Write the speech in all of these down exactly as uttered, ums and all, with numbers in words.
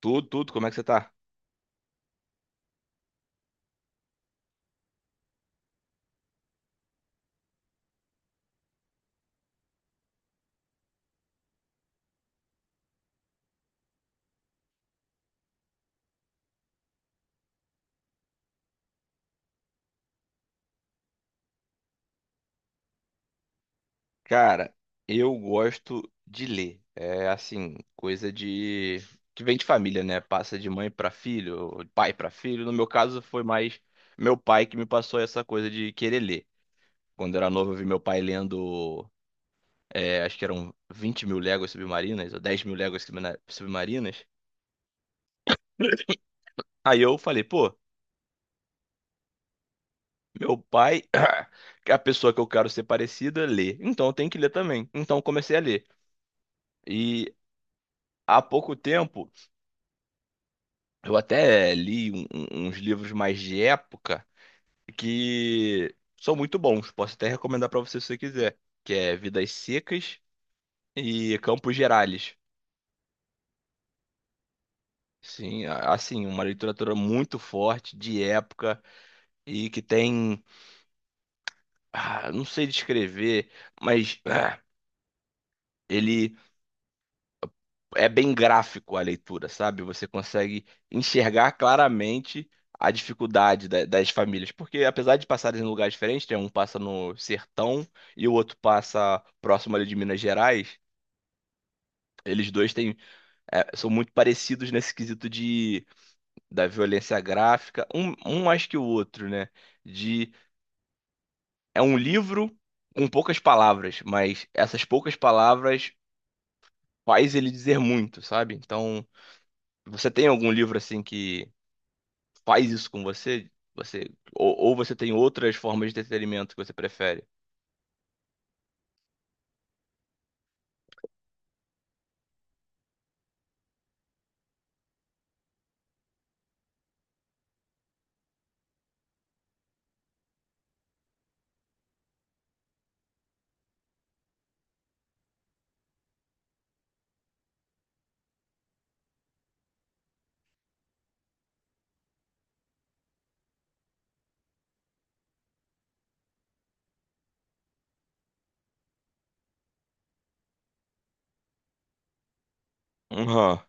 Tudo, tudo, como é que você tá? Cara, eu gosto de ler. É assim, coisa de que vem de família, né? Passa de mãe pra filho, ou de pai pra filho. No meu caso, foi mais meu pai que me passou essa coisa de querer ler. Quando eu era novo, eu vi meu pai lendo, é, acho que eram vinte mil léguas submarinas, ou dez mil léguas Submina- submarinas. Aí eu falei, pô, meu pai, que é a pessoa que eu quero ser parecida, lê. Então eu tenho que ler também. Então eu comecei a ler. E há pouco tempo. Eu até li um- um- uns livros mais de época que são muito bons. Posso até recomendar para você se você quiser, que é Vidas Secas e Campos Gerais. Sim, a- assim, uma literatura muito forte de época e que tem, ah, não sei descrever, mas ah, ele é bem gráfico a leitura, sabe? Você consegue enxergar claramente a dificuldade da- das famílias, porque apesar de passarem em lugares diferentes, né, um passa no sertão e o outro passa próximo ali de Minas Gerais. Eles dois têm, é, são muito parecidos nesse quesito de, da violência gráfica, um, um mais que o outro, né? De, é um livro com poucas palavras, mas essas poucas palavras faz ele dizer muito, sabe? Então, você tem algum livro assim que faz isso com você, você ou, ou você tem outras formas de entretenimento que você prefere? Aham,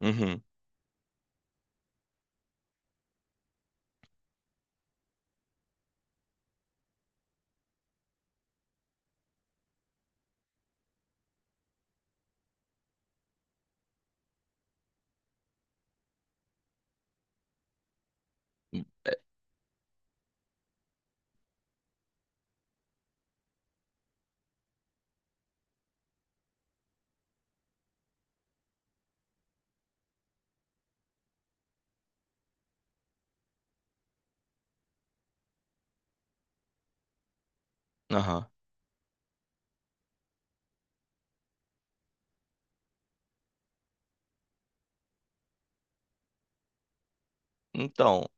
uhum, é, aham. Então,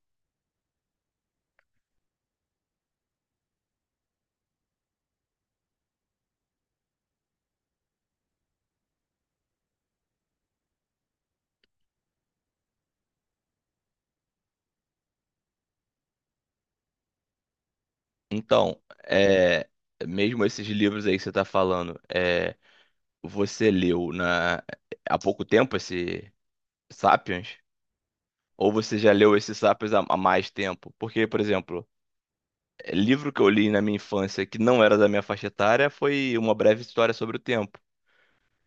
então, é, mesmo esses livros aí que você tá falando, é, você leu na, há pouco tempo esse Sapiens? Ou você já leu esse Sapiens há, há mais tempo? Porque, por exemplo, é, livro que eu li na minha infância que não era da minha faixa etária foi Uma Breve História sobre o Tempo,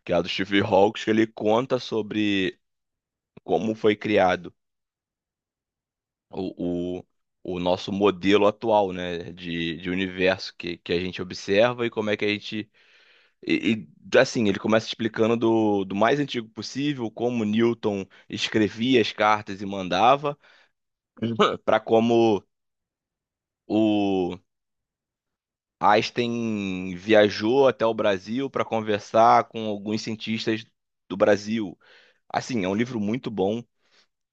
que é a do Steve Hawkes, que ele conta sobre como foi criado o, o, o nosso modelo atual, né, de, de universo que, que a gente observa e como é que a gente. E, e, assim, ele começa explicando do, do mais antigo possível, como Newton escrevia as cartas e mandava, para como o. Einstein viajou até o Brasil para conversar com alguns cientistas do Brasil. Assim, é um livro muito bom.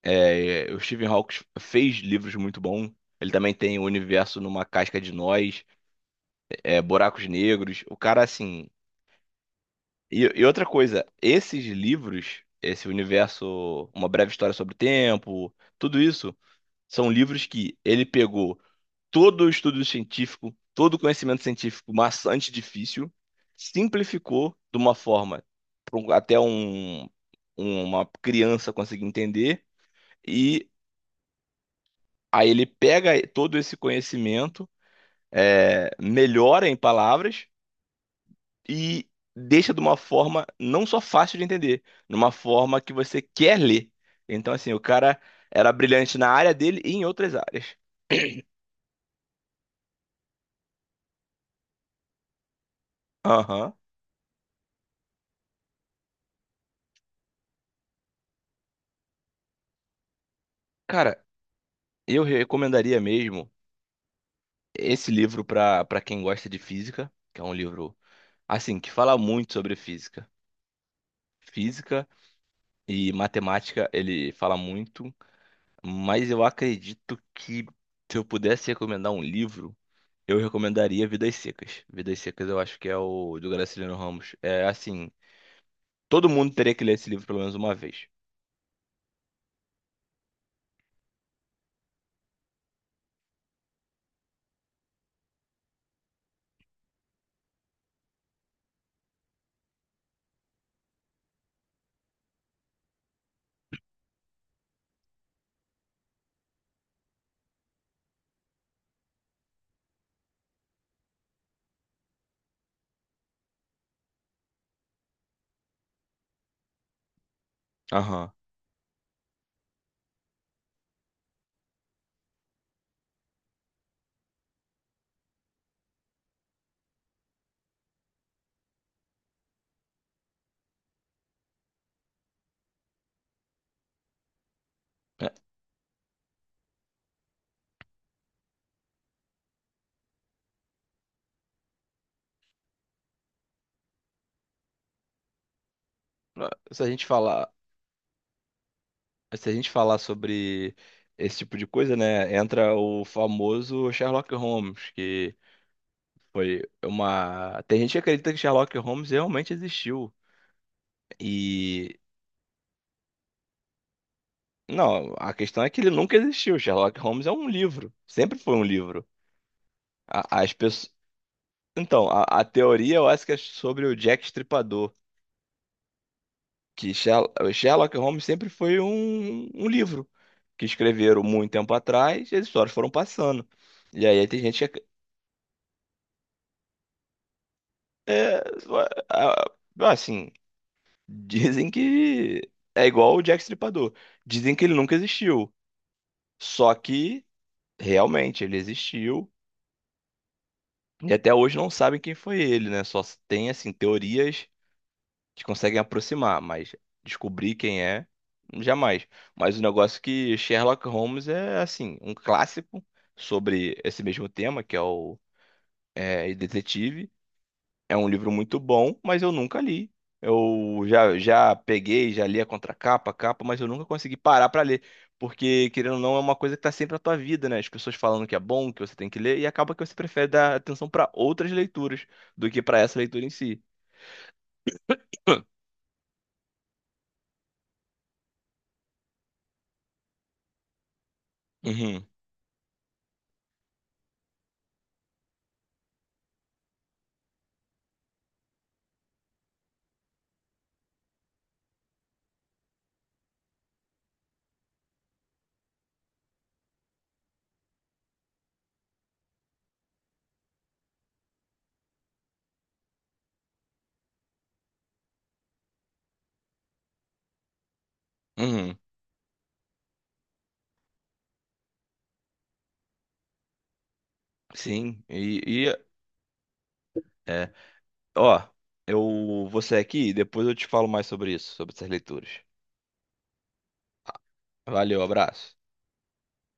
É, o Stephen Hawking fez livros muito bons. Ele também tem o Universo numa Casca de Nós. É, Buracos Negros. O cara, assim. E, e outra coisa, esses livros, esse universo, Uma Breve História sobre o Tempo, tudo isso, são livros que ele pegou todo o estudo científico, todo o conhecimento científico maçante e difícil, simplificou de uma forma pra um- até um, uma criança conseguir entender, e aí ele pega todo esse conhecimento, é, melhora em palavras e deixa de uma forma não só fácil de entender, numa forma que você quer ler. Então, assim, o cara era brilhante na área dele e em outras áreas. Aham. Cara, eu recomendaria mesmo esse livro para para quem gosta de física, que é um livro, assim, que fala muito sobre física. Física e matemática, ele fala muito, mas eu acredito que se eu pudesse recomendar um livro. Eu recomendaria Vidas Secas. Vidas Secas eu acho que é o do Graciliano Ramos. É assim, todo mundo teria que ler esse livro pelo menos uma vez. Aham. É, Se a gente falar, se a gente falar sobre esse tipo de coisa, né, entra o famoso Sherlock Holmes, que foi uma... Tem gente que acredita que Sherlock Holmes realmente existiu. E não, a questão é que ele nunca existiu. Sherlock Holmes é um livro, sempre foi um livro. A- As pessoas. Então, a, a teoria eu acho que é sobre o Jack Estripador, que Sher- o Sherlock Holmes sempre foi um, um livro que escreveram muito tempo atrás e as histórias foram passando. E aí tem gente que, é, a- a- assim, dizem que é igual o Jack Estripador. Dizem que ele nunca existiu, só que realmente ele existiu e até hoje não sabem quem foi ele, né? Só tem, assim, teorias. Eles conseguem aproximar, mas descobrir quem é, jamais. Mas o negócio é que Sherlock Holmes é, assim, um clássico sobre esse mesmo tema, que é o é, Detetive. É um livro muito bom, mas eu nunca li. Eu já, já peguei, já li a contracapa, a capa, mas eu nunca consegui parar pra ler. Porque, querendo ou não, é uma coisa que tá sempre na tua vida, né? As pessoas falando que é bom, que você tem que ler, e acaba que você prefere dar atenção pra outras leituras do que pra essa leitura em si. Uhum, uhum. Sim, e, é. Ó, eu vou sair aqui e depois eu te falo mais sobre isso, sobre essas leituras. Valeu, abraço.